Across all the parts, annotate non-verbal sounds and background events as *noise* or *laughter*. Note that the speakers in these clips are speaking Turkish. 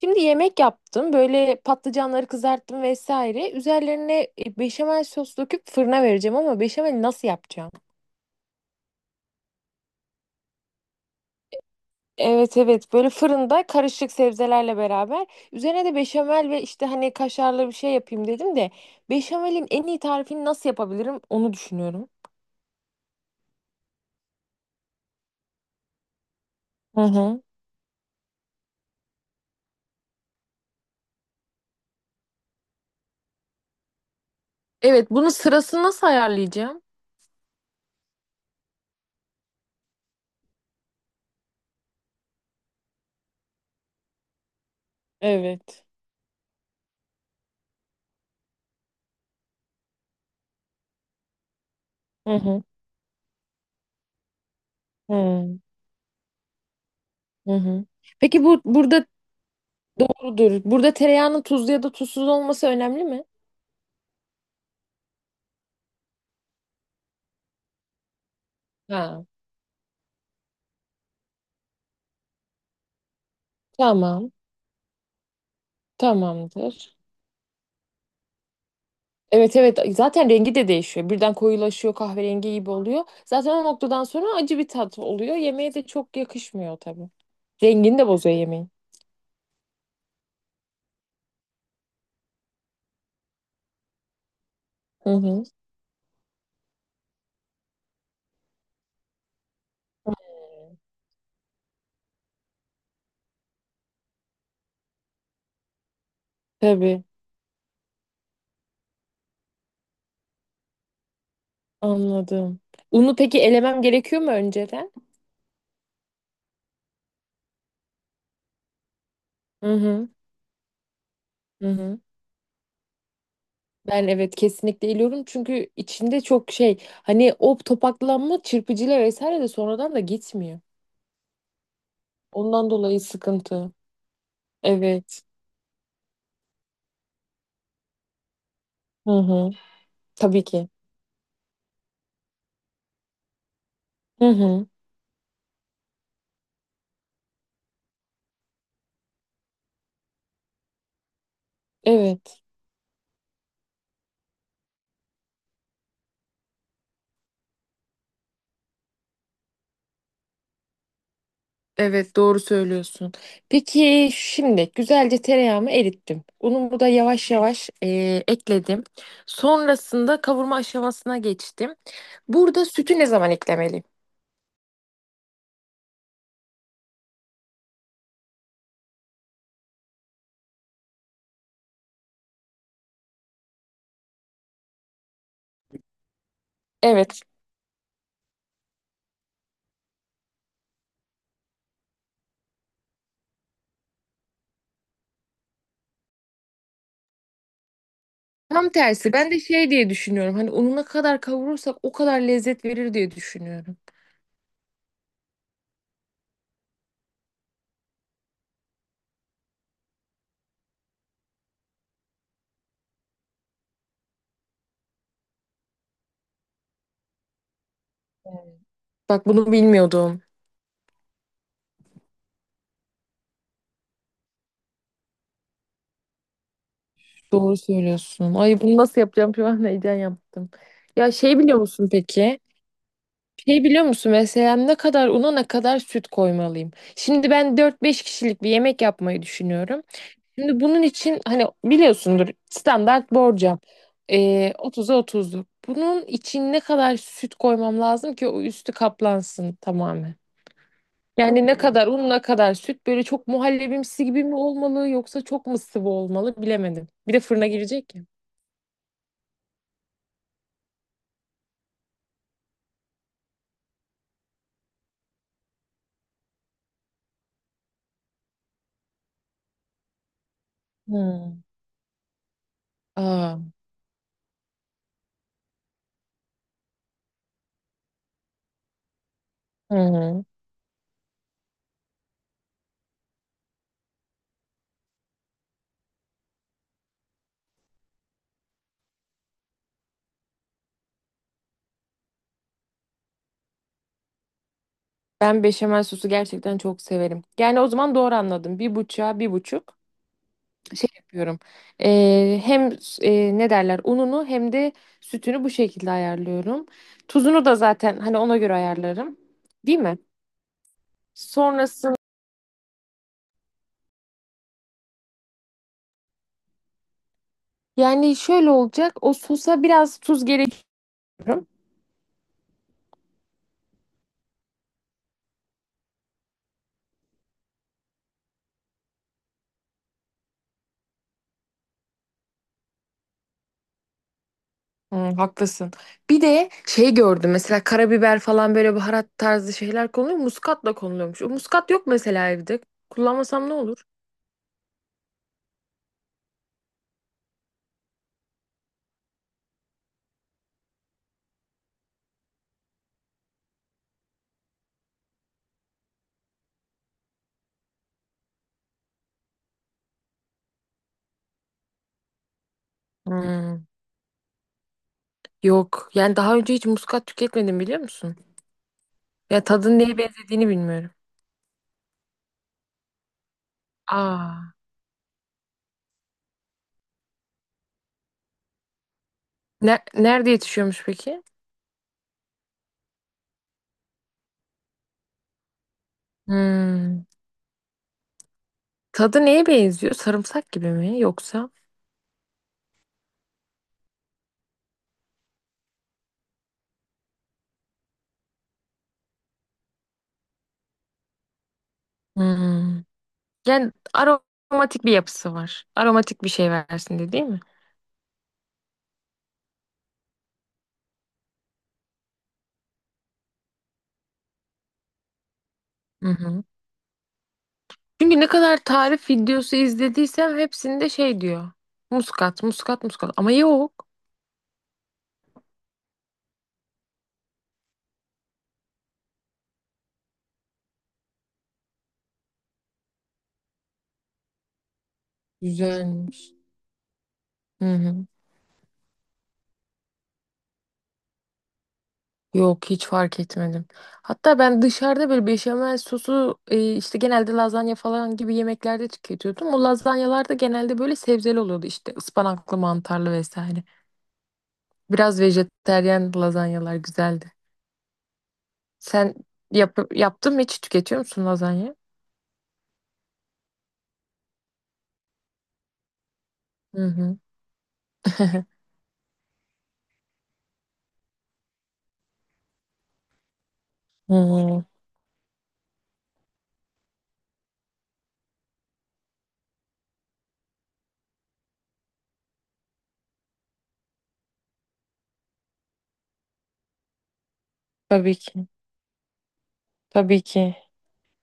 Şimdi yemek yaptım. Böyle patlıcanları kızarttım vesaire. Üzerlerine beşamel sos döküp fırına vereceğim ama beşamel nasıl yapacağım? Evet evet, böyle fırında karışık sebzelerle beraber üzerine de beşamel ve işte hani kaşarlı bir şey yapayım dedim de beşamelin en iyi tarifini nasıl yapabilirim onu düşünüyorum. Hı hı. Evet, bunun sırasını nasıl ayarlayacağım? Evet. Hı hı. Hı hı. Hı. Peki bu burada doğrudur. Burada tereyağının tuzlu ya da tuzsuz olması önemli mi? Ha. Tamam. Tamamdır. Evet evet, zaten rengi de değişiyor. Birden koyulaşıyor, kahverengi gibi oluyor. Zaten o noktadan sonra acı bir tat oluyor. Yemeğe de çok yakışmıyor tabii. Rengini de bozuyor yemeğin. Hı hı. Tabii, anladım. Unu peki elemem gerekiyor mu önceden? Hı hı. Hı hı. Ben evet, kesinlikle eliyorum çünkü içinde çok şey, hani o topaklanma çırpıcıyla vesaire de sonradan da gitmiyor. Ondan dolayı sıkıntı. Evet. Hı hı. Tabii ki. Hı hı. Evet. Evet, doğru söylüyorsun. Peki şimdi güzelce tereyağımı erittim. Unumu da yavaş yavaş ekledim. Sonrasında kavurma aşamasına geçtim. Burada sütü ne zaman eklemeliyim? Evet. Tam tersi. Ben de şey diye düşünüyorum. Hani unu ne kadar kavurursak o kadar lezzet verir diye düşünüyorum. Bak, bunu bilmiyordum. Doğru söylüyorsun. Ay, bunu nasıl yapacağım? Şu an *laughs* heyecan yaptım. Ya şey, biliyor musun peki? Şey, biliyor musun mesela ne kadar una ne kadar süt koymalıyım? Şimdi ben dört beş kişilik bir yemek yapmayı düşünüyorum. Şimdi bunun için hani biliyorsundur, standart borcam. 30'a 30'luk. Bunun için ne kadar süt koymam lazım ki o üstü kaplansın tamamen? Yani ne kadar un, ne kadar süt, böyle çok muhallebimsi gibi mi olmalı, yoksa çok mı sıvı olmalı bilemedim. Bir de fırına girecek. Hmm. Aa. Hı hı. Ben beşamel sosu gerçekten çok severim. Yani o zaman doğru anladım. Bir buçuğa bir buçuk şey yapıyorum. Hem ne derler ununu hem de sütünü bu şekilde ayarlıyorum. Tuzunu da zaten hani ona göre ayarlarım. Değil mi? Sonrasında yani şöyle olacak. O sosa biraz tuz gerekiyor. Hmm, haklısın. Bir de şey gördüm, mesela karabiber falan, böyle baharat tarzı şeyler konuluyor. Muskatla konuluyormuş. O muskat yok mesela evde. Kullanmasam ne olur? Hmm, yok. Yani daha önce hiç muskat tüketmedim, biliyor musun? Ya tadın neye benzediğini bilmiyorum. Aa. Ne, nerede yetişiyormuş peki? Hmm. Tadı neye benziyor? Sarımsak gibi mi yoksa? Hmm. Yani aromatik bir yapısı var. Aromatik bir şey versin diye, değil mi? Hı hı. Çünkü ne kadar tarif videosu izlediysem hepsinde şey diyor. Muskat, muskat, muskat. Ama yok. Güzelmiş. Hı hı. Yok, hiç fark etmedim. Hatta ben dışarıda böyle beşamel sosu işte genelde lazanya falan gibi yemeklerde tüketiyordum. O lazanyalar da genelde böyle sebzeli oluyordu, işte ıspanaklı, mantarlı vesaire. Biraz vejetaryen lazanyalar güzeldi. Sen yaptın mı, hiç tüketiyor musun lazanya? Hı hı. *laughs* Hı, tabii ki. Tabii ki.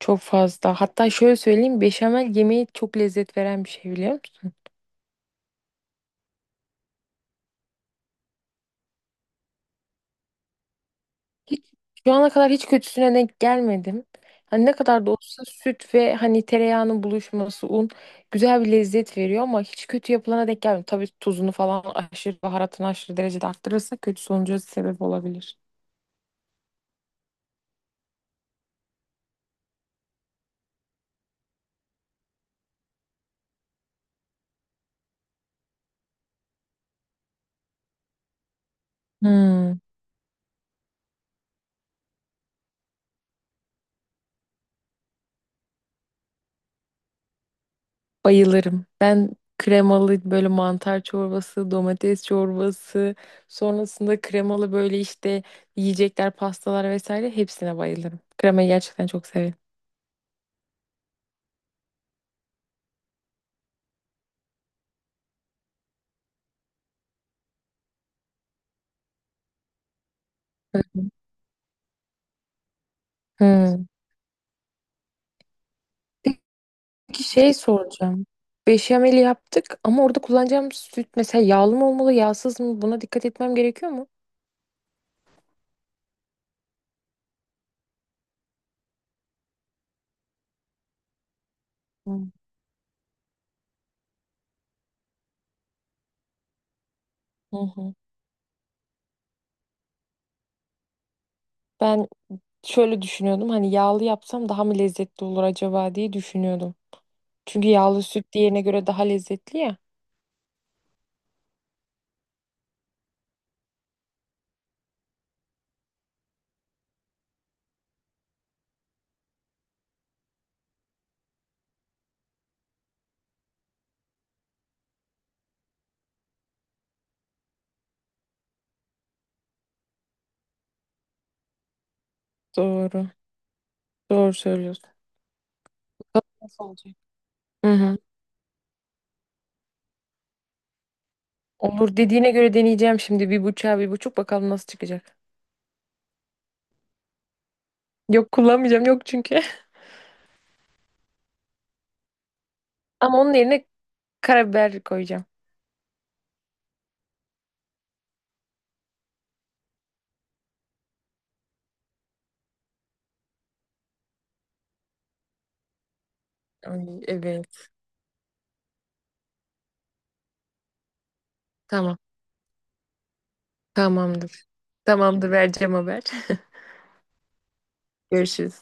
Çok fazla. Hatta şöyle söyleyeyim, beşamel yemeği çok lezzet veren bir şey, biliyor musun? Hiç, şu ana kadar hiç kötüsüne denk gelmedim. Hani ne kadar da olsa süt ve hani tereyağının buluşması, un güzel bir lezzet veriyor, ama hiç kötü yapılana denk gelmedim. Tabii tuzunu falan aşırı, baharatını aşırı derecede arttırırsa kötü sonuca sebep olabilir. Hmm. Bayılırım. Ben kremalı böyle mantar çorbası, domates çorbası, sonrasında kremalı böyle işte yiyecekler, pastalar vesaire, hepsine bayılırım. Kremayı gerçekten çok severim. Hmm. Peki şey soracağım. Beşamel yaptık ama orada kullanacağım süt mesela yağlı mı olmalı, yağsız mı? Buna dikkat etmem gerekiyor mu? Hmm. Hı hı. Ben şöyle düşünüyordum, hani yağlı yapsam daha mı lezzetli olur acaba diye düşünüyordum. Çünkü yağlı süt diğerine göre daha lezzetli ya. Doğru. Doğru söylüyorsun. Bakalım nasıl olacak. Hı hı. Olur dediğine göre deneyeceğim, şimdi bir bıçağı bir buçuk, bakalım nasıl çıkacak. Yok, kullanmayacağım yok çünkü. *laughs* Ama onun yerine karabiber koyacağım. Ay, evet. Tamam. Tamamdır. Tamamdır, vereceğim haber. *laughs* Görüşürüz.